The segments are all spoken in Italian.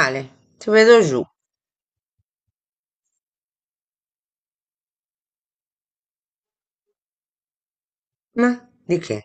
Ale, ti vedo giù. Ma di che?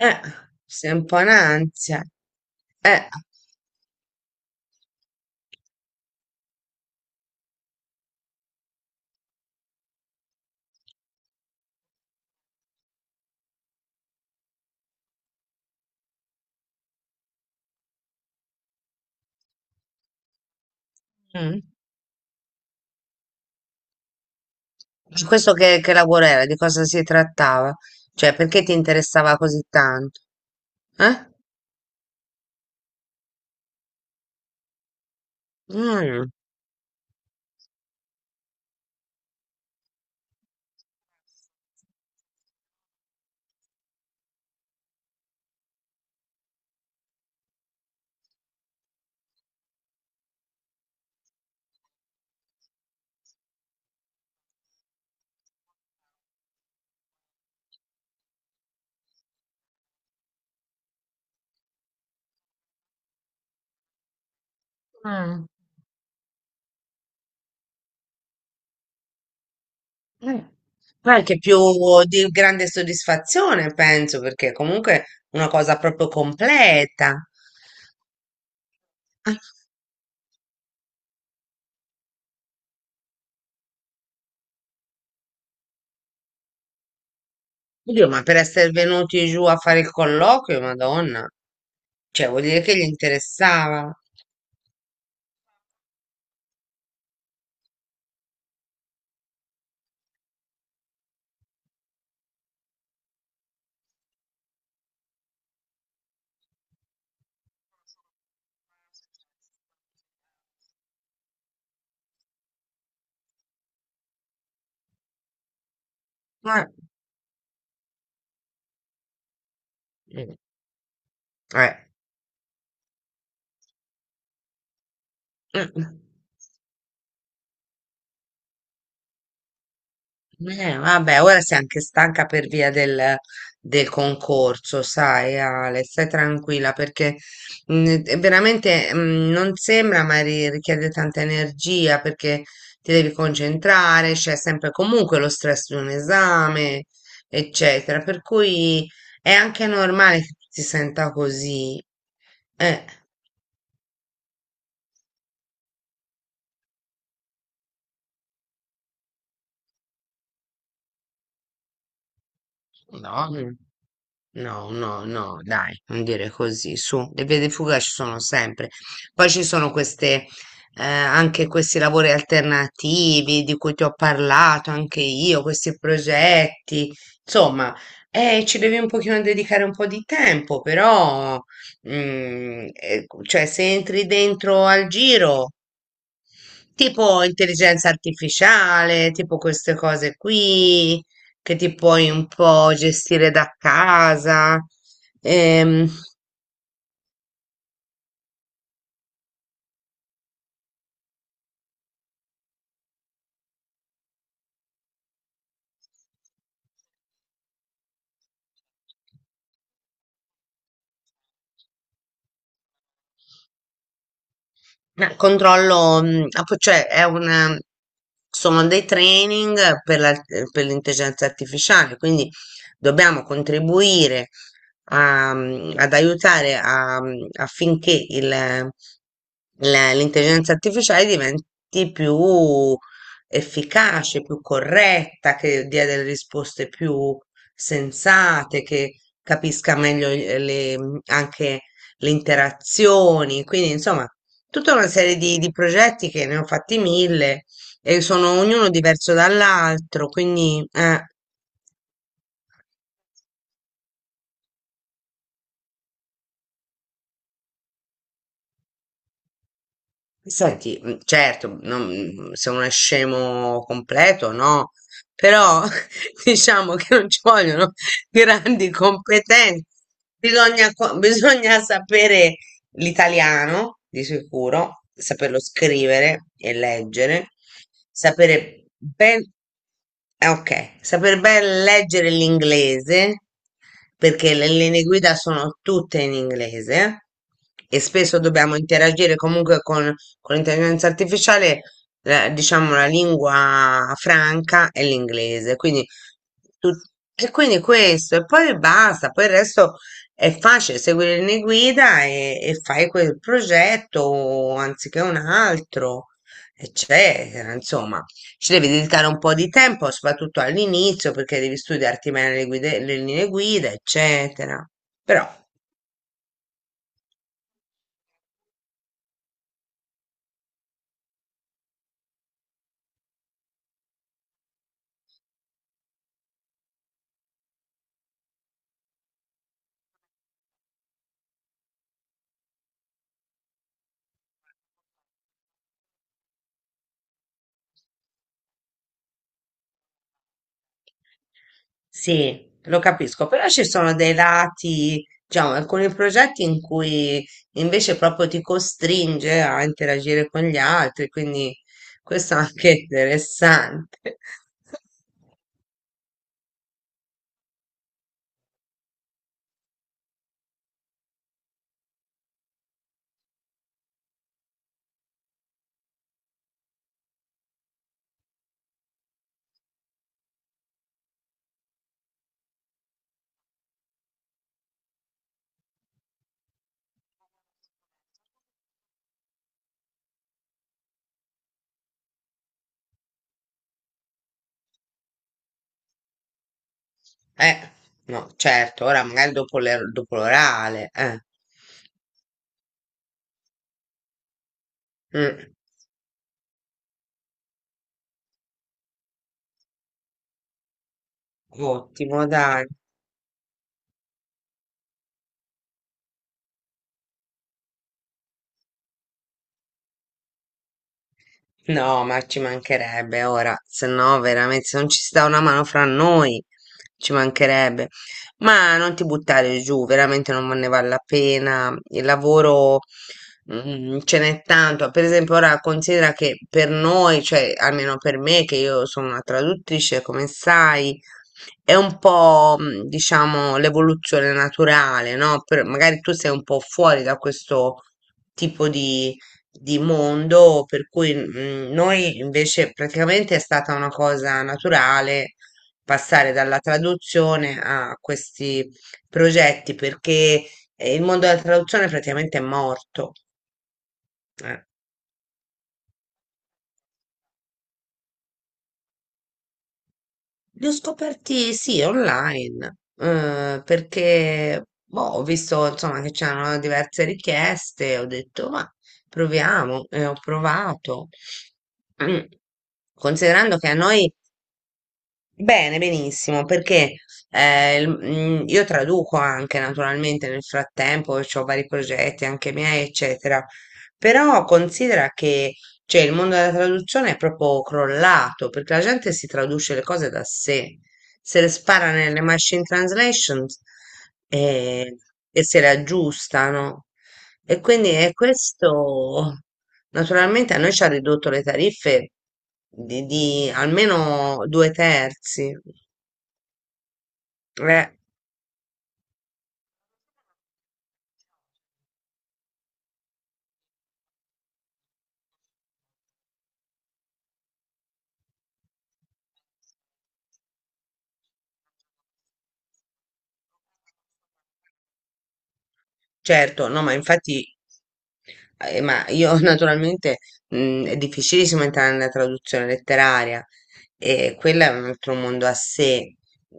Eh, Sei un po' in ansia. Eh, Mm. Su questo che lavoro era? Di cosa si trattava? Cioè, perché ti interessava così tanto? Eh? Mm. Mm. Eh, Anche più di grande soddisfazione, penso, perché comunque è una cosa proprio completa. Ah, oddio, ma per essere venuti giù a fare il colloquio, Madonna, cioè vuol dire che gli interessava. Eh, mm, eh. Mm. Vabbè, ora sei anche stanca per via del, del concorso, sai, Ale, stai tranquilla perché è veramente non sembra, ma richiede tanta energia perché ti devi concentrare, c'è sempre comunque lo stress di un esame, eccetera. Per cui è anche normale che tu ti senta così. Eh. No, no, no, no, dai, non dire così, su, le vie di fuga ci sono sempre. Poi ci sono queste, anche questi lavori alternativi di cui ti ho parlato anche io, questi progetti, insomma, ci devi un pochino dedicare un po' di tempo, però, cioè, se entri dentro al giro tipo intelligenza artificiale, tipo queste cose qui che ti puoi un po' gestire da casa. Ehm, Controllo, cioè è un, sono dei training per per l'intelligenza artificiale, quindi dobbiamo contribuire a, ad aiutare a, affinché l'intelligenza artificiale diventi più efficace, più corretta, che dia delle risposte più sensate, che capisca meglio anche le interazioni. Quindi, insomma, tutta una serie di progetti che ne ho fatti mille e sono ognuno diverso dall'altro, quindi. Senti, certo, non- se uno è scemo completo, no, però diciamo che non ci vogliono grandi competenze. Bisogna sapere l'italiano, di sicuro, saperlo scrivere e leggere, sapere ben, ok, saper ben leggere l'inglese, perché le linee guida sono tutte in inglese e spesso dobbiamo interagire comunque con l'intelligenza artificiale, diciamo, la lingua franca è l'inglese, quindi tut- e quindi questo, e poi basta, poi il resto è facile, segui le linee guida e fai quel progetto anziché un altro, eccetera, insomma ci devi dedicare un po' di tempo, soprattutto all'inizio, perché devi studiarti bene le linee guida, eccetera. Però sì, lo capisco, però ci sono dei lati, diciamo, alcuni progetti in cui invece proprio ti costringe a interagire con gli altri, quindi questo è anche interessante. Eh, no, certo, ora magari dopo dopo l'orale, eh. Mm, ottimo, dai. No, ma ci mancherebbe ora, se no veramente, se non ci sta una mano fra noi, ci mancherebbe. Ma non ti buttare giù, veramente non ne vale la pena. Il lavoro, ce n'è tanto. Per esempio, ora considera che per noi, cioè almeno per me, che io sono una traduttrice, come sai, è un po', diciamo, l'evoluzione naturale, no? Per- magari tu sei un po' fuori da questo tipo di mondo, per cui noi invece praticamente è stata una cosa naturale passare dalla traduzione a questi progetti perché il mondo della traduzione praticamente è morto. Eh. Li ho scoperti sì, online, perché boh, ho visto insomma che c'erano diverse richieste, ho detto ma proviamo e ho provato. Mm. Considerando che a noi, bene, benissimo, perché io traduco anche naturalmente nel frattempo, ho vari progetti anche miei, eccetera, però considera che cioè, il mondo della traduzione è proprio crollato, perché la gente si traduce le cose da sé, se le spara nelle machine translations eh, e se le aggiustano. E quindi è questo. Naturalmente a noi ci ha ridotto le tariffe di almeno due terzi. Eh, Certo, no, ma infatti, ma io naturalmente è difficilissimo entrare nella traduzione letteraria e quella è un altro mondo a sé.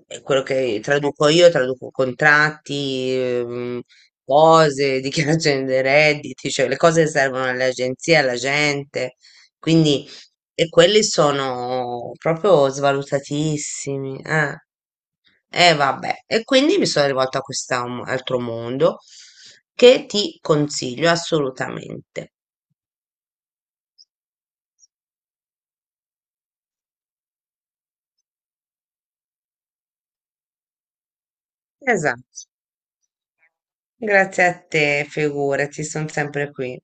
E quello che traduco io, traduco contratti, cose, dichiarazioni dei redditi, cioè le cose che servono alle agenzie, alla gente. Quindi, e quelli sono proprio svalutatissimi. Eh. E vabbè, e quindi mi sono rivolta a questo altro mondo che ti consiglio assolutamente. Esatto. Grazie a te, figurati, sono sempre qui.